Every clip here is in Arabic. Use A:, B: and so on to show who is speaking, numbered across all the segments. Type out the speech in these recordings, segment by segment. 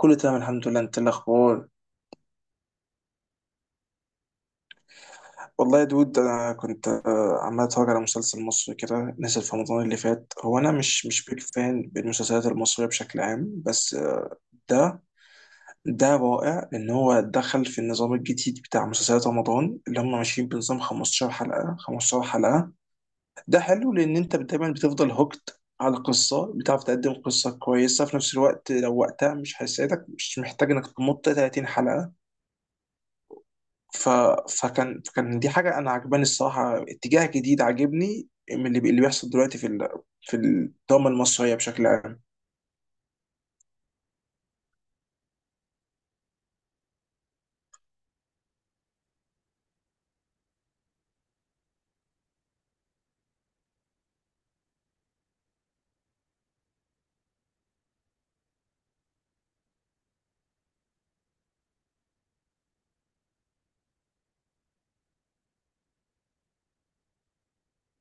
A: كله تمام الحمد لله. انت إيه الاخبار؟ والله يا دود انا كنت عمال اتفرج على مسلسل مصري كده نزل في رمضان اللي فات. هو انا مش بيك فان بالمسلسلات المصريه بشكل عام، بس ده ده رائع ان هو دخل في النظام الجديد بتاع مسلسلات رمضان، اللي هم ماشيين بنظام 15 حلقه 15 حلقه. ده حلو لان انت دايما بتفضل هوكت على قصة، بتعرف تقدم قصة كويسة في نفس الوقت. لو وقتها مش هيساعدك، مش محتاج انك تمط 30 حلقة. ف... فكان دي حاجه انا عجباني الصراحه، اتجاه جديد عاجبني من اللي بيحصل دلوقتي في الدراما المصريه بشكل عام.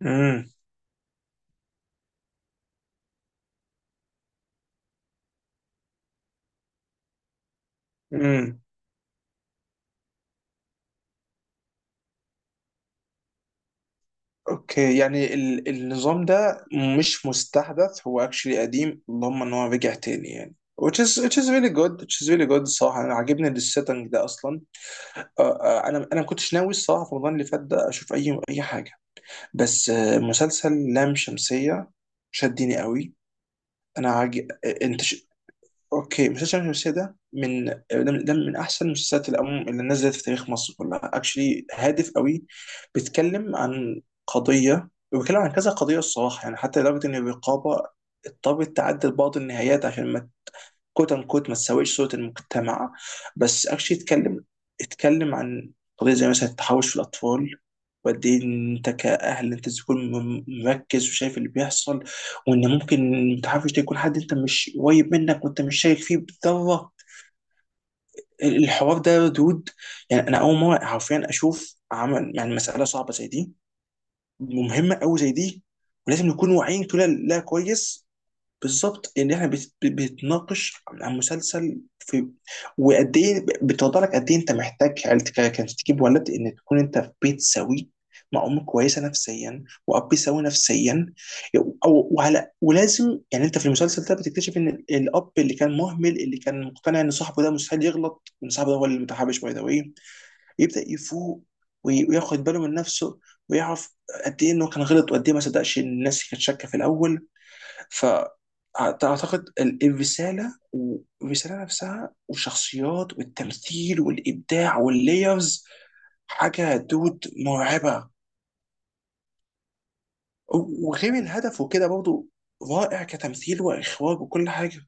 A: امم امم اوكي، يعني النظام ده مش مستحدث، هو اكشلي قديم، اللهم ان هو رجع تاني يعني. Which is really good الصراحه، انا عاجبني السيتنج ده اصلا. انا ما كنتش ناوي الصراحه في رمضان اللي فات ده اشوف اي حاجه، بس مسلسل لام شمسيه شدني قوي. انا عاجب انت. اوكي، مسلسل شمس شمسية ده من احسن المسلسلات اللي نزلت في تاريخ مصر كلها. اكشلي هادف قوي، بيتكلم عن قضيه، وبيتكلم عن كذا قضيه الصراحه، يعني حتى لدرجه ان الرقابه اضطرت تعدل بعض النهايات عشان ما كوت ان كوت ما تساويش صوره المجتمع. بس اكشلي يتكلم عن قضيه زي مثلا التحرش في الاطفال، وقد ايه انت كاهل انت تكون مركز وشايف اللي بيحصل، وان ممكن المتحرش ده يكون حد انت مش قريب منك وانت مش شايك فيه بالذره. الحوار ده دود، يعني انا اول مره حرفيا اشوف عمل يعني مساله صعبه زي دي ومهمه قوي زي دي، ولازم نكون واعيين كلها. لا كويس. بالظبط، ان احنا بتناقش عن مسلسل، في وقد ايه بتوضح لك قد ايه انت محتاج عيلتك عشان تجيب ولد، ان تكون انت في بيت سوي مع ام كويسه نفسيا واب سوي نفسيا. أو وعلى ولازم يعني انت في المسلسل ده بتكتشف ان الاب اللي كان مهمل، اللي كان مقتنع ان صاحبه ده مستحيل يغلط، ان صاحبه ده هو اللي متحابش باي ذا واي، يبدا يفوق وياخد باله من نفسه ويعرف قد ايه انه كان غلط، وقد ايه ما صدقش الناس اللي كانت شاكه في الاول. فأعتقد الرسالة والرسالة نفسها، والشخصيات والتمثيل والإبداع والليرز، حاجة دود مرعبة. وغير الهدف وكده، برضه رائع كتمثيل وإخراج وكل حاجة.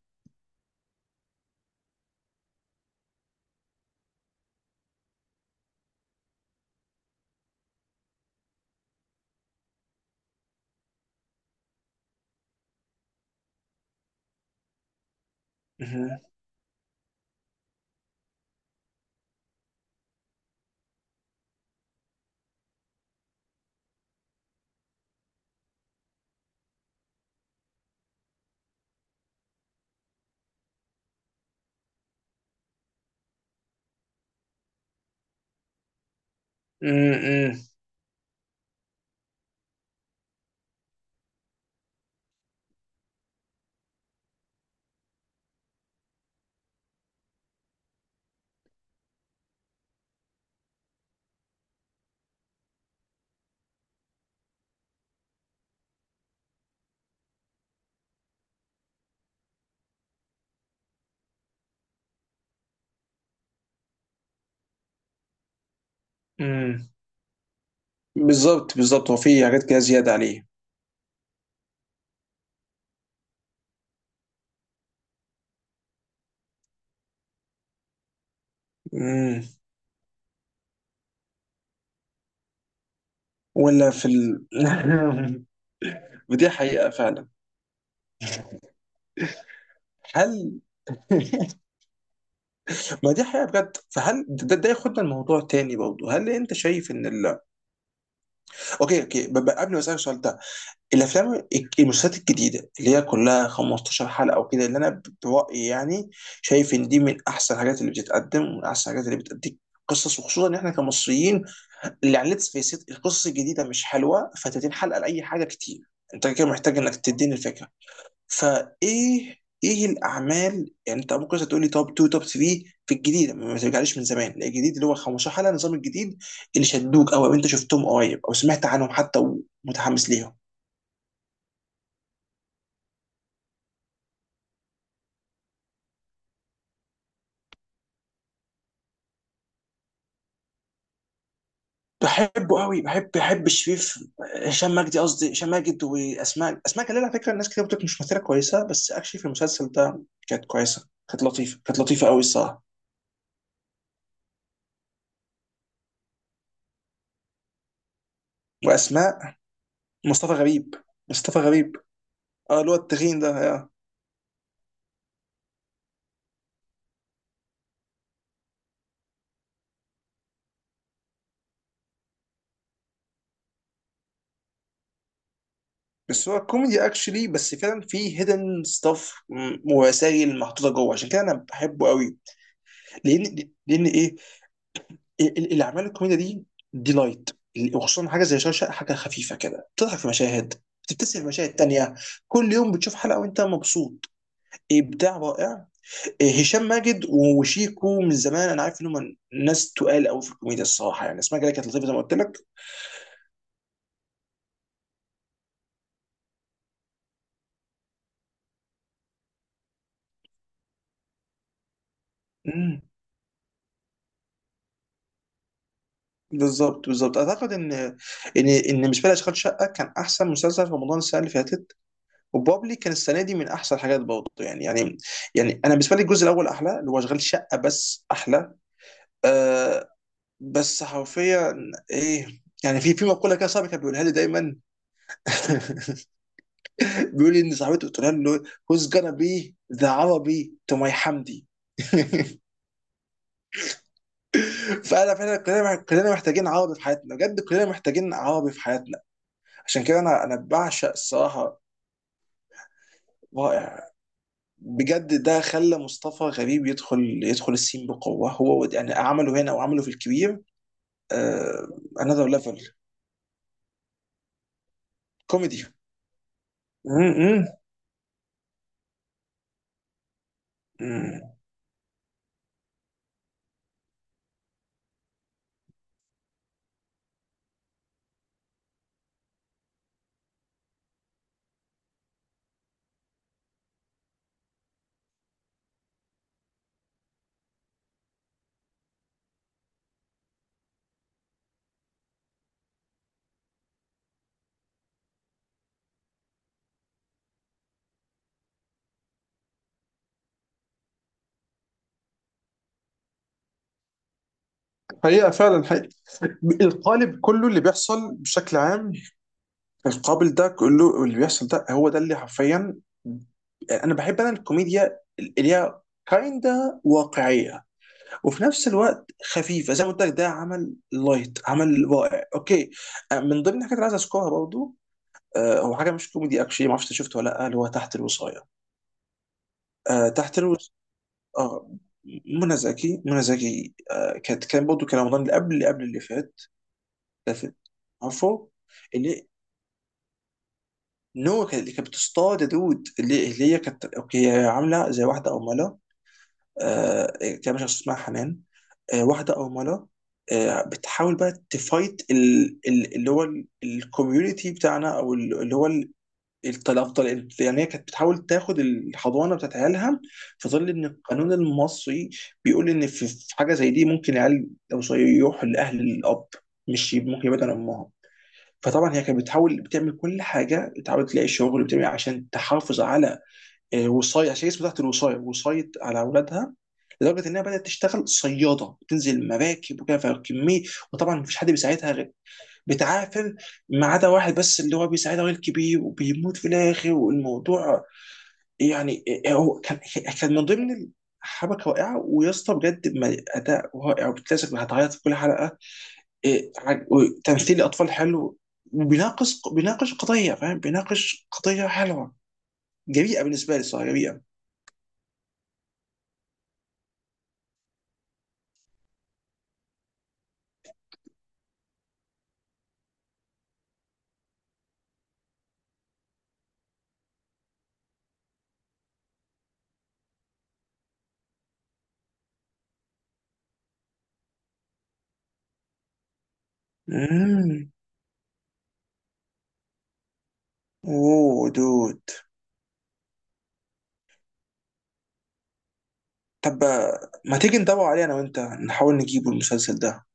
A: مهم. مم. مم. بالظبط بالظبط، هو في حاجات كده زيادة عليه. مم. ولا ودي حقيقة فعلا. هل ما دي حقيقة بجد. فهل ده ياخدنا الموضوع تاني برضه. هل انت شايف ان اوكي اوكي، قبل ما اسالك السؤال ده، المسلسلات الجديده اللي هي كلها 15 حلقه وكده، اللي انا برايي يعني شايف ان دي من احسن الحاجات اللي بتتقدم ومن احسن الحاجات اللي بتديك قصص، وخصوصا ان احنا كمصريين اللي على ليتس فيس، القصص الجديده مش حلوه ف 30 حلقه لاي حاجه كتير. انت كده محتاج انك تديني الفكره. فايه الاعمال يعني، انت ممكن تقول لي توب 2 توب 3 في الجديد؟ ما ترجعليش من زمان لا، الجديد اللي هو 15 حلقه، النظام الجديد، اللي شدوك قوي، او انت شفتهم قريب، او سمعت عنهم حتى ومتحمس ليهم. بحبه قوي، بحب شريف. هشام مجدي، قصدي هشام ماجد، واسماء جلال. على فكره الناس كتير بتقول مش ممثله كويسه، بس اكشلي في المسلسل ده كانت كويسه، كانت لطيفه قوي الصراحه. واسماء. مصطفى غريب مصطفى غريب. اه اللي هو التخين. بس هو كوميدي اكشلي، بس فعلا فيه هيدن ستاف ورسائل محطوطه جوه، عشان كده انا بحبه قوي. لان ايه، الاعمال الكوميديه دي لايت، وخصوصا حاجه زي شاشه، حاجه خفيفه كده بتضحك في مشاهد، بتبتسم في مشاهد تانية. كل يوم بتشوف حلقه وانت مبسوط. ابداع رائع. إيه، هشام ماجد وشيكو من زمان انا عارف انهم ناس تقال قوي في الكوميديا الصراحه، يعني اسمها كده، كانت لطيفه زي ما قلت لك. بالظبط بالظبط، اعتقد ان مش بالي اشغال شقه كان احسن مسلسل في رمضان السنه اللي فاتت، وبابلي كان السنه دي من احسن الحاجات برضه، يعني يعني انا بالنسبه لي الجزء الاول احلى، اللي هو اشغال شقه، بس احلى. آه بس حرفيا ايه، يعني في مقوله كده صاحبي كان بيقولها لي دايما. بيقول لي ان صاحبته قلت لها له who's gonna be the عربي to my حمدي. فانا فعلا كلنا محتاجين عربي في حياتنا، بجد كلنا محتاجين عربي في حياتنا. عشان كده انا بعشق الصراحه. رائع بجد. ده خلى مصطفى غريب يدخل السين بقوة. هو يعني عمله هنا وعمله في الكبير. انذر ليفل كوميدي. حقيقة فعلا حقيقة. القالب كله اللي بيحصل بشكل عام. القابل ده كله اللي بيحصل، ده هو ده اللي حرفيا انا بحب انا، الكوميديا اللي هي كايندا واقعية وفي نفس الوقت خفيفة، زي ما قلت لك، ده عمل لايت، عمل رائع. اوكي. من ضمن الحاجات اللي عايز اذكرها برضو، هو حاجه مش كوميدي اكشلي، ما اعرفش انت شفته ولا لا، اللي هو تحت الوصايه. تحت الوصايه. اه. منى زكي. كان برضه، كان رمضان اللي قبل اللي قبل اللي فات. ده فيلم. عارفه اللي اللي كانت بتصطاد يا دود، اللي هي كانت اوكي، هي عامله زي واحده ارمله، إيه، كان مش عارف اسمها حنان. واحده ارمله، بتحاول بقى تفايت اللي هو الكوميونتي بتاعنا، او اللي هو الطلاق. يعني هي كانت بتحاول تاخد الحضانه بتاعت عيالها، في ظل ان القانون المصري بيقول ان في حاجه زي دي ممكن العيال لو صغير يروح لاهل الاب، مش ممكن يبعد عن امها. فطبعا هي كانت بتحاول، بتعمل كل حاجه، بتحاول تلاقي شغل، بتعمل عشان تحافظ على وصاية، عشان اسمه تحت الوصاية، وصاية على اولادها. لدرجه انها بدات تشتغل صياده، بتنزل مراكب وكده، فكميه. وطبعا مفيش حد بيساعدها غير. بتعافر. ما عدا واحد بس اللي هو بيساعدها، ويلكي بيه وبيموت في الاخر، والموضوع يعني هو كان، من ضمن حبكه رائعه، ويا اسطى بجد، اداء رائع وبتلاسك، هتعيط في كل حلقه. إيه، وتمثيل الاطفال حلو. وبيناقش قضيه، فاهم، بيناقش قضيه حلوه، جريئه بالنسبه لي صراحه، جريئه. امم اوه دود. طب ما تيجي ندور عليه، انا وانت نحاول نجيبه المسلسل ده.